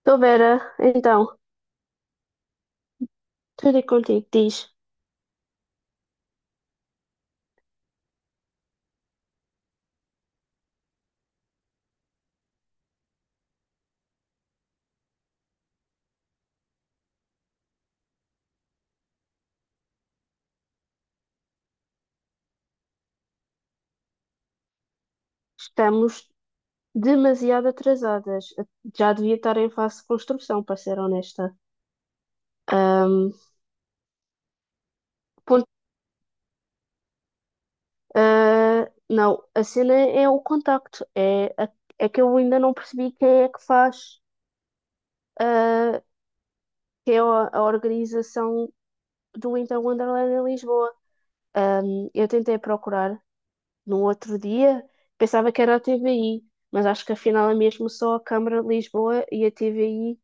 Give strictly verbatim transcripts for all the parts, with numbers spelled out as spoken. Estou Vera, então, tudo é contigo. Diz. Estamos demasiado atrasadas. Já devia estar em fase de construção, para ser honesta. Ahm, ponto- ah, não, a cena é o contacto. É, a- é que eu ainda não percebi quem é que faz, ah, que é a, a organização do Então Wonderland em Lisboa. Ahm, eu tentei procurar. No outro dia, pensava que era a T V I, mas acho que afinal é mesmo só a Câmara de Lisboa e a T V I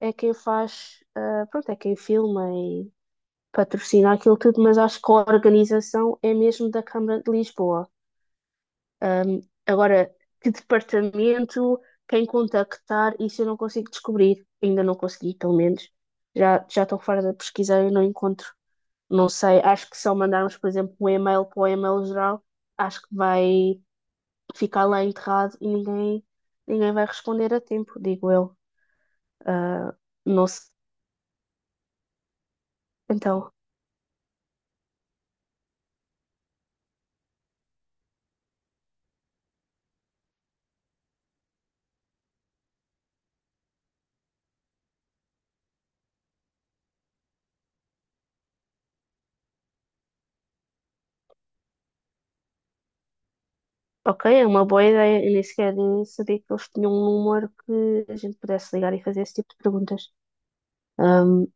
é quem faz, ah, pronto, é quem filma e patrocina aquilo tudo, mas acho que a organização é mesmo da Câmara de Lisboa. Ahm, agora, que departamento, quem contactar, isso eu não consigo descobrir. Ainda não consegui, pelo menos. Já, já estou fora da pesquisa e não encontro. Não sei, acho que se eu mandarmos, por exemplo, um e-mail para o e-mail geral, acho que vai ficar lá enterrado e ninguém, ninguém vai responder a tempo, digo eu. Ah, não sei. Então, ok, é uma boa ideia. Eu nem sequer sabia que eles tinham um número que a gente pudesse ligar e fazer esse tipo de perguntas. Ahm,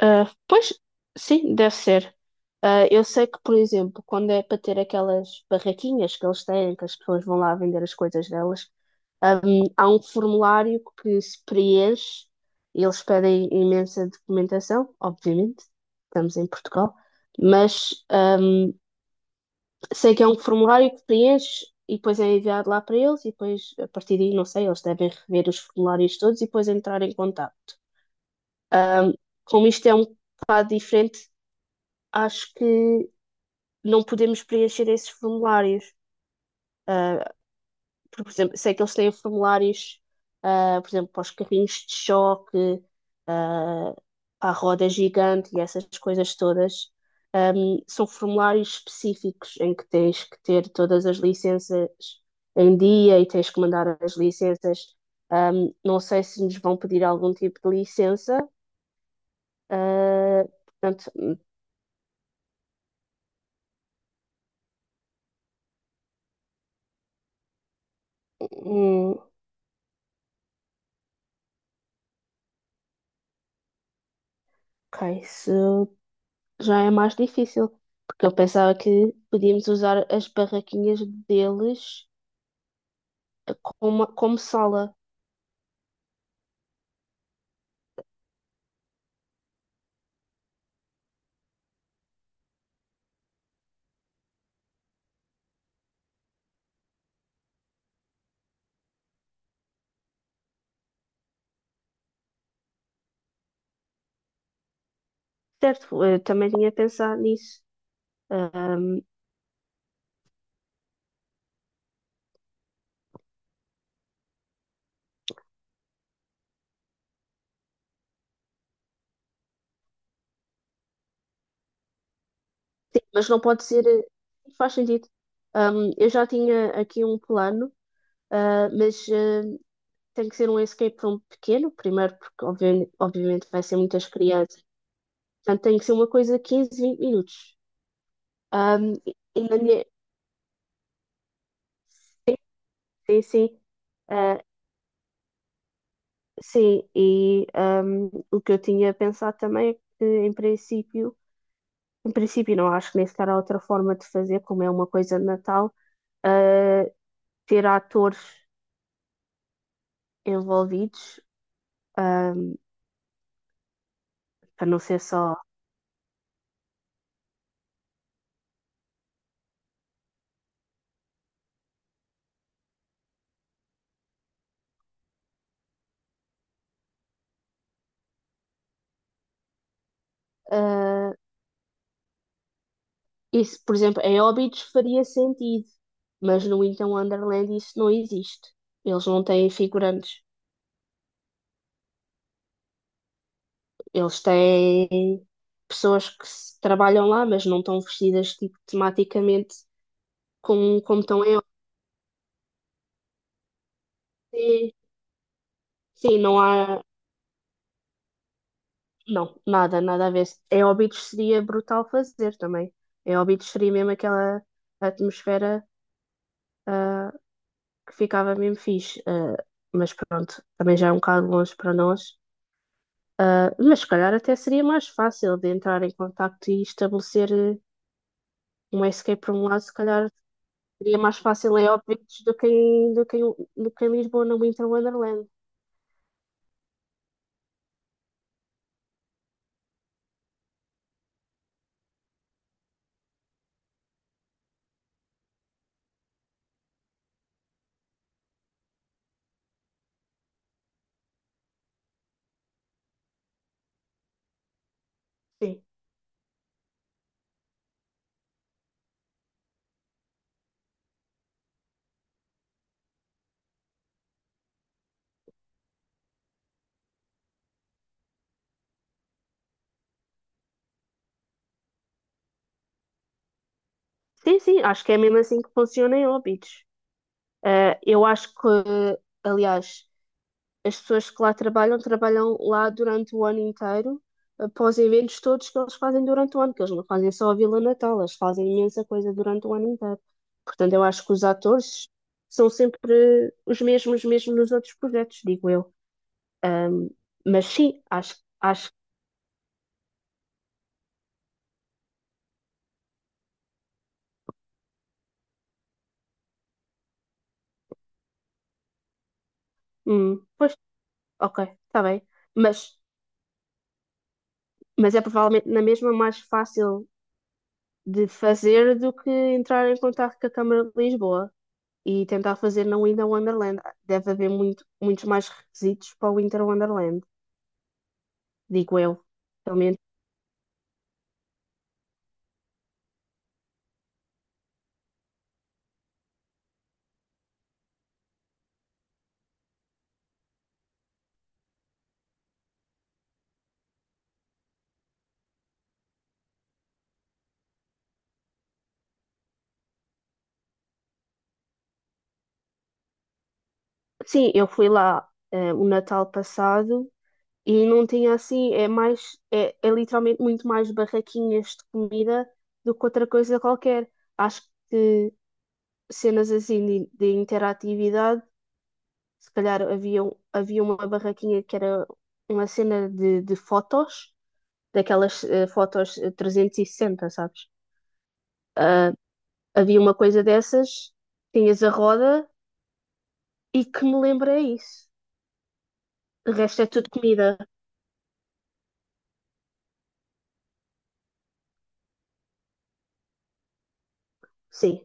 ah, pois, sim, deve ser. Ah, eu sei que, por exemplo, quando é para ter aquelas barraquinhas que eles têm, que as pessoas vão lá vender as coisas delas. Ahm, há um formulário que se preenche e eles pedem imensa documentação, obviamente, estamos em Portugal, mas ahm, sei que é um formulário que preenche e depois é enviado lá para eles e depois, a partir daí, não sei, eles devem rever os formulários todos e depois entrar em contato. Ahm, como isto é um bocado diferente, acho que não podemos preencher esses formulários. Ah, porque, por exemplo, sei que eles têm formulários, ah, por exemplo, para os carrinhos de choque, ah, à roda gigante e essas coisas todas. Ahm, são formulários específicos em que tens que ter todas as licenças em dia e tens que mandar as licenças. Ahm, não sei se nos vão pedir algum tipo de licença. ah, portanto, hum, ok, se já é mais difícil, porque eu pensava que podíamos usar as barraquinhas deles como, como sala. Certo, eu também tinha pensado nisso. Ahm, sim, mas não pode ser, faz sentido. Ahm, eu já tinha aqui um plano, ah, mas ah, tem que ser um escape room pequeno, primeiro, porque obviamente, obviamente vai ser muitas crianças. Portanto, tem que ser uma coisa de quinze vinte minutos. Ahm, e na minha, sim, sim. Sim, e hum, o que eu tinha pensado também é que, em princípio, em princípio não acho que nem sequer há outra forma de fazer. Como é uma coisa de Natal, ah, ter atores envolvidos, ah, para não ser só. ah, isso, por exemplo, em Óbidos faria sentido, mas no Então Wonderland isso não existe. Eles não têm figurantes, eles têm pessoas que se- trabalham lá, mas não estão vestidas tipo, tematicamente como, como estão em Óbidos. Sim, não há. Não, nada, nada a ver. Em Óbidos seria brutal fazer também. Em Óbidos seria mesmo aquela atmosfera, ah, que ficava mesmo fixe. Ah, mas pronto, também já é um bocado longe para nós. Ah, mas se calhar até seria mais fácil de entrar em contacto e estabelecer eh, um escape para um lado. Se calhar seria mais fácil em Óbidos do que em, do que em, do que em Lisboa, no Winter Wonderland. Sim. Sim, sim, acho que é mesmo assim que funciona em Óbidos. Ah, eu acho que, aliás, as pessoas que lá trabalham, trabalham lá durante o ano inteiro, após eventos todos que eles fazem durante o ano, que eles não fazem só a Vila Natal, eles fazem imensa coisa durante o ano inteiro. Portanto, eu acho que os atores são sempre os mesmos, mesmo nos outros projetos, digo eu. Ahm, mas sim, acho, acho, hum, pois, ok, está bem. Mas, mas é provavelmente na mesma mais fácil de fazer do que entrar em contato com a Câmara de Lisboa e tentar fazer na Winter Wonderland. Deve haver muito, muitos mais requisitos para o Winter Wonderland, digo eu. Pelo menos. Sim, eu fui lá eh, o Natal passado e não tinha assim, é mais, é, é literalmente muito mais barraquinhas de comida do que outra coisa qualquer. Acho que cenas assim de, de interatividade, se calhar havia, um- havia uma barraquinha que era uma cena de, de fotos, daquelas eh, fotos eh, trezentos e sessenta, sabes? Ah, Havia uma coisa dessas, tinhas a roda e que me lembra é isso. O resto é tudo comida. Sim,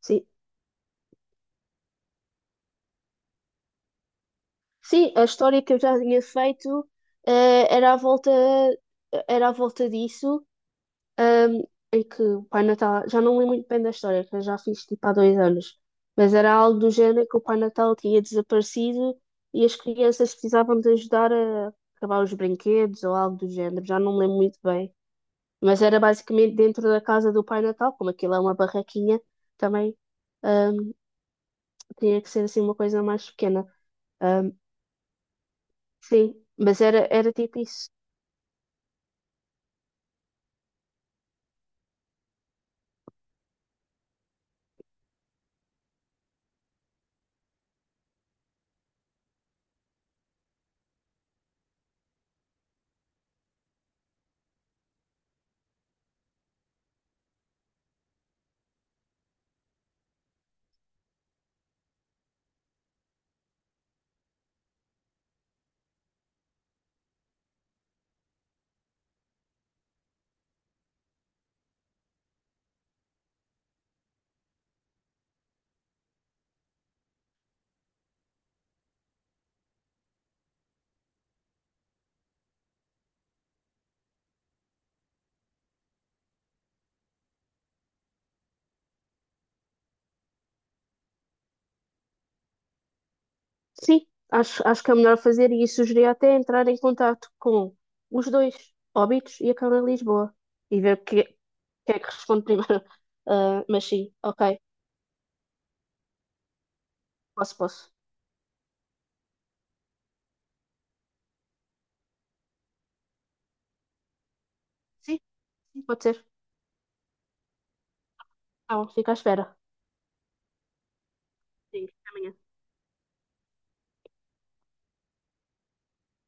sim. Sim, a história que eu já tinha feito, eh, era à volta, era à volta disso, ahm, em que o Pai Natal, já não lembro muito bem da história, que eu já fiz tipo há dois anos, mas era algo do género que o Pai Natal tinha desaparecido e as crianças precisavam de ajudar a acabar os brinquedos ou algo do género, já não lembro muito bem. Mas era basicamente dentro da casa do Pai Natal, como aquilo é uma barraquinha, também ahm, tinha que ser assim uma coisa mais pequena. Ahm, sim, mas era, era tipo isso. Sim, acho, acho que é melhor fazer e sugeria até entrar em contato com os dois, Óbidos e a Câmara de Lisboa, e ver o que, que é que responde primeiro. Ah, mas sim, ok, posso, posso. Sim, sim, pode ser. Então, fico à espera. Sim, até amanhã.